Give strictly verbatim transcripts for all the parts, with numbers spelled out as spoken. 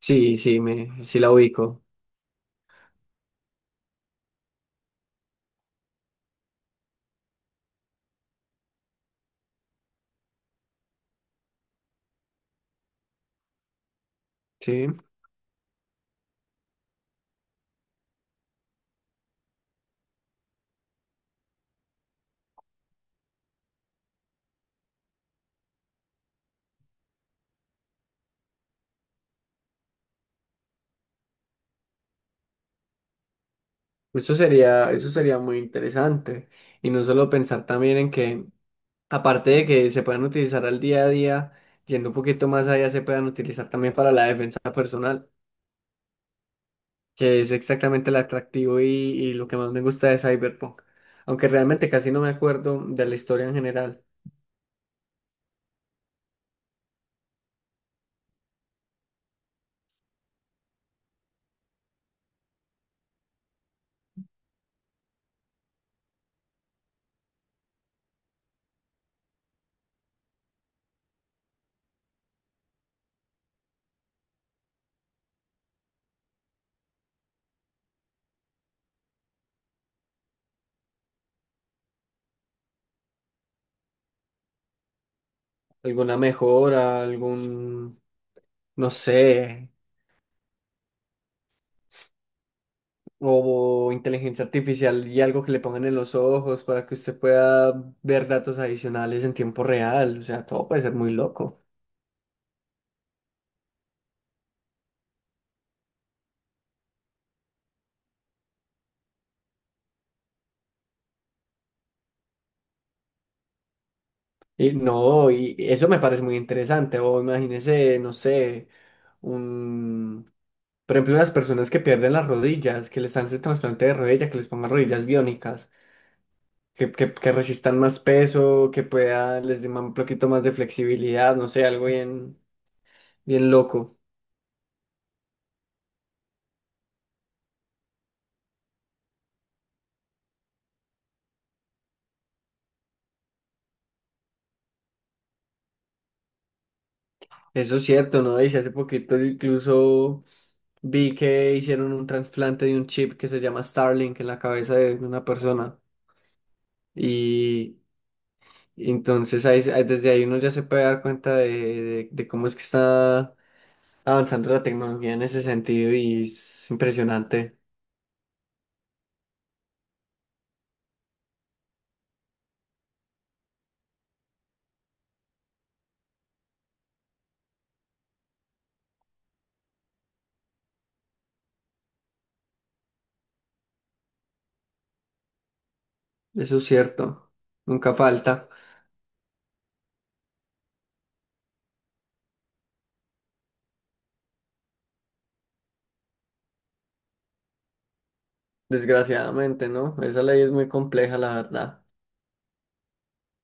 Sí, sí, me, sí la ubico. Sí. Eso sería, eso sería muy interesante. Y no solo pensar también en que, aparte de que se puedan utilizar al día a día, yendo un poquito más allá, se puedan utilizar también para la defensa personal, que es exactamente el atractivo y, y lo que más me gusta de Cyberpunk. Aunque realmente casi no me acuerdo de la historia en general. ¿Alguna mejora? ¿Algún, no sé? O inteligencia artificial y algo que le pongan en los ojos para que usted pueda ver datos adicionales en tiempo real. O sea, todo puede ser muy loco. Y no, y eso me parece muy interesante. O imagínese, no sé, un, por ejemplo, las personas que pierden las rodillas, que les hacen trasplante de rodilla, que les pongan rodillas biónicas, que, que, que resistan más peso, que pueda, les den un poquito más de flexibilidad, no sé, algo bien, bien loco. Eso es cierto, ¿no? Dice hace poquito incluso vi que hicieron un trasplante de un chip que se llama Starlink en la cabeza de una persona. Y entonces ahí, ahí- desde ahí uno ya se puede dar cuenta de, de- de cómo es que está avanzando la tecnología en ese sentido y es impresionante. Eso es cierto. Nunca falta. Desgraciadamente, ¿no? Esa ley es muy compleja, la verdad.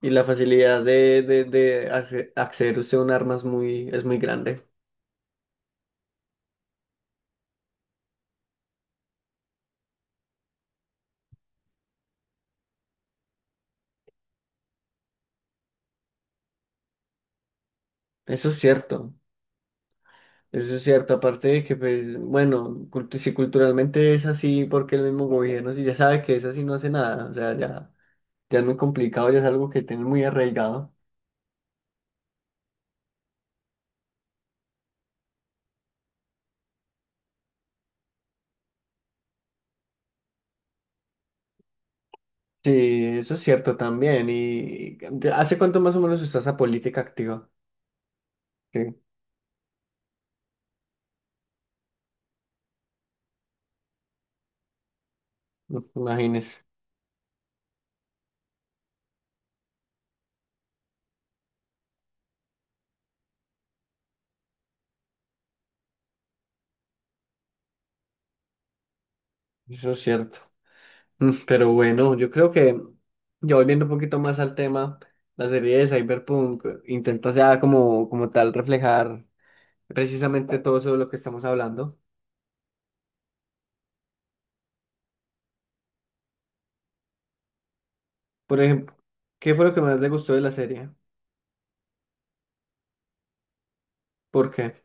Y la facilidad de, de, de acce- acceder usted a un arma es muy, es muy grande. Eso es cierto. Eso es cierto, aparte de que, pues, bueno, cultu- si culturalmente es así, porque el mismo gobierno, si ya sabe que es así, no hace nada, o sea, ya, ya es muy complicado, ya es algo que tiene muy arraigado. Sí, eso es cierto también. ¿Y hace cuánto más o menos está esa política activa? Sí, no, imagínese, eso es cierto. Mm, pero bueno, yo creo que, ya volviendo un poquito más al tema, la serie de Cyberpunk intenta ya como, como tal reflejar precisamente todo eso de lo que estamos hablando. Por ejemplo, ¿qué fue lo que más le gustó de la serie? ¿Por qué?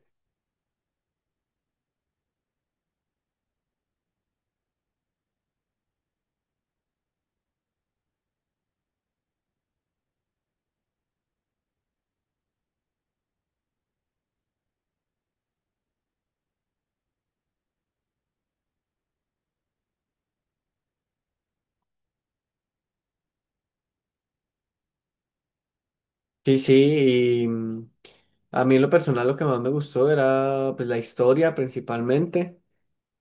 Sí, sí, y mm, a mí en lo personal lo que más me gustó era pues la historia principalmente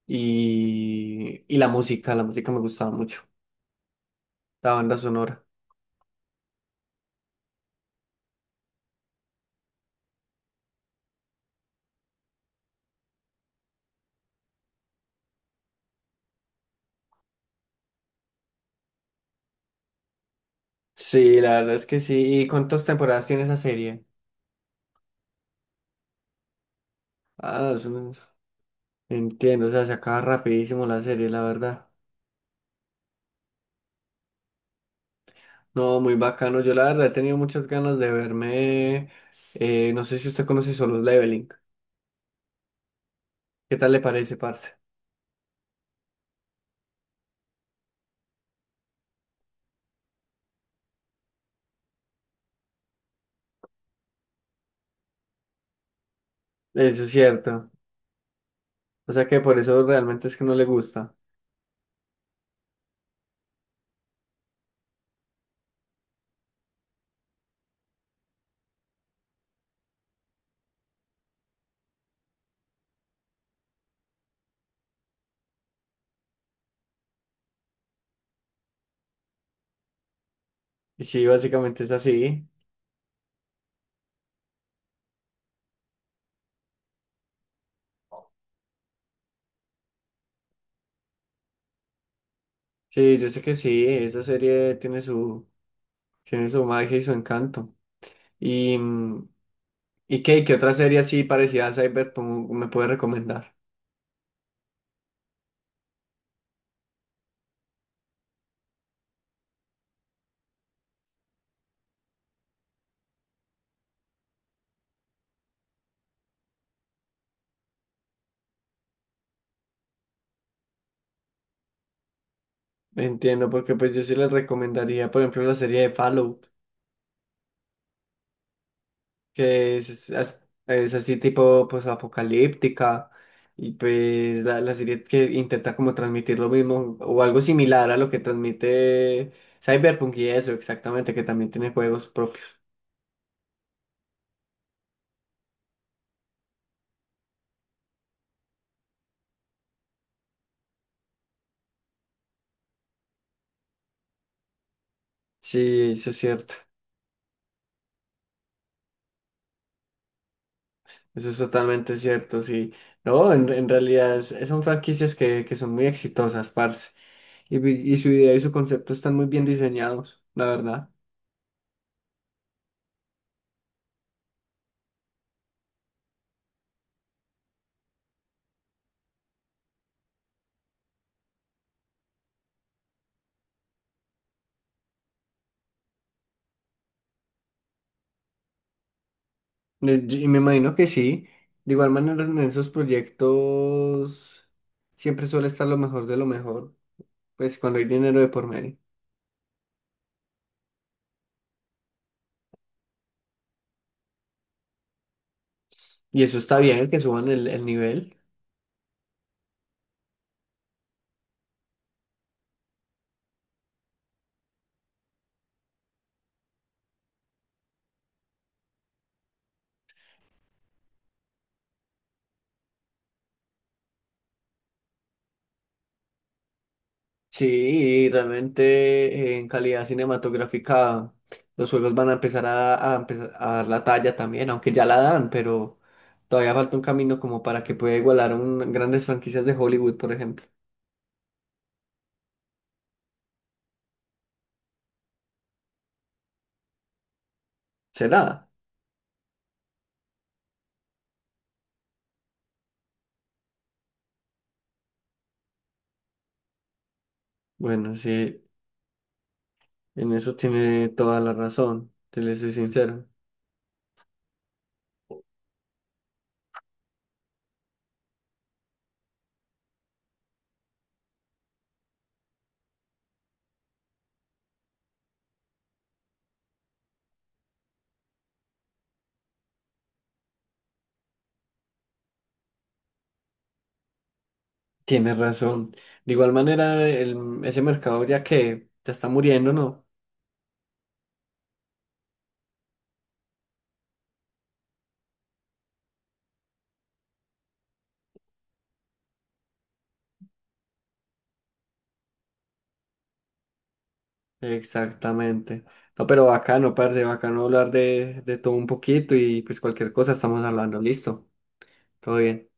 y, y la música, la música me gustaba mucho, la banda sonora. Sí, la verdad es que sí. ¿Y cuántas temporadas tiene esa serie? Ah, es un- Entiendo, o sea, se acaba rapidísimo la serie, la verdad. No, muy bacano. Yo la verdad he tenido muchas ganas de verme, eh, no sé si usted conoce Solo Leveling. ¿Qué tal le parece, parce? Eso es cierto. O sea que por eso realmente es que no le gusta. Y sí, básicamente es así. Sí, yo sé que sí, esa serie tiene su, tiene su magia y su encanto. Y, mm, ¿y qué, qué otra serie así parecida a Cyberpunk me puede recomendar? Entiendo, porque pues yo sí les recomendaría, por ejemplo, la serie de Fallout. Que es, es as- es así tipo pues apocalíptica y pues la, la serie que intenta como transmitir lo mismo o algo similar a lo que transmite Cyberpunk y eso exactamente que también tiene juegos propios. Sí, eso es cierto, eso es totalmente cierto, sí. No, en, en realidad es- son franquicias que, que son muy exitosas, parce. Y, y su idea y su concepto están muy bien diseñados, la verdad. Eh, Y me imagino que sí. De igual manera, en esos proyectos siempre suele estar lo mejor de lo mejor, pues cuando hay dinero de por medio. Y eso está bien, que suban el, el nivel. Sí, y realmente eh, en calidad cinematográfica los juegos van a empezar a, a empezar a dar la talla también, aunque ya la dan, pero todavía falta un camino como para que pueda igualar a un- grandes franquicias de Hollywood, por ejemplo. ¿Será? Bueno, sí, en eso tiene toda la razón, te le soy sincero. Tienes razón. De igual manera, el- ese mercado ya que ya está muriendo, ¿no? Exactamente. No, pero bacano, parce, bacano hablar de, de todo un poquito y pues cualquier cosa estamos hablando. Listo. Todo bien.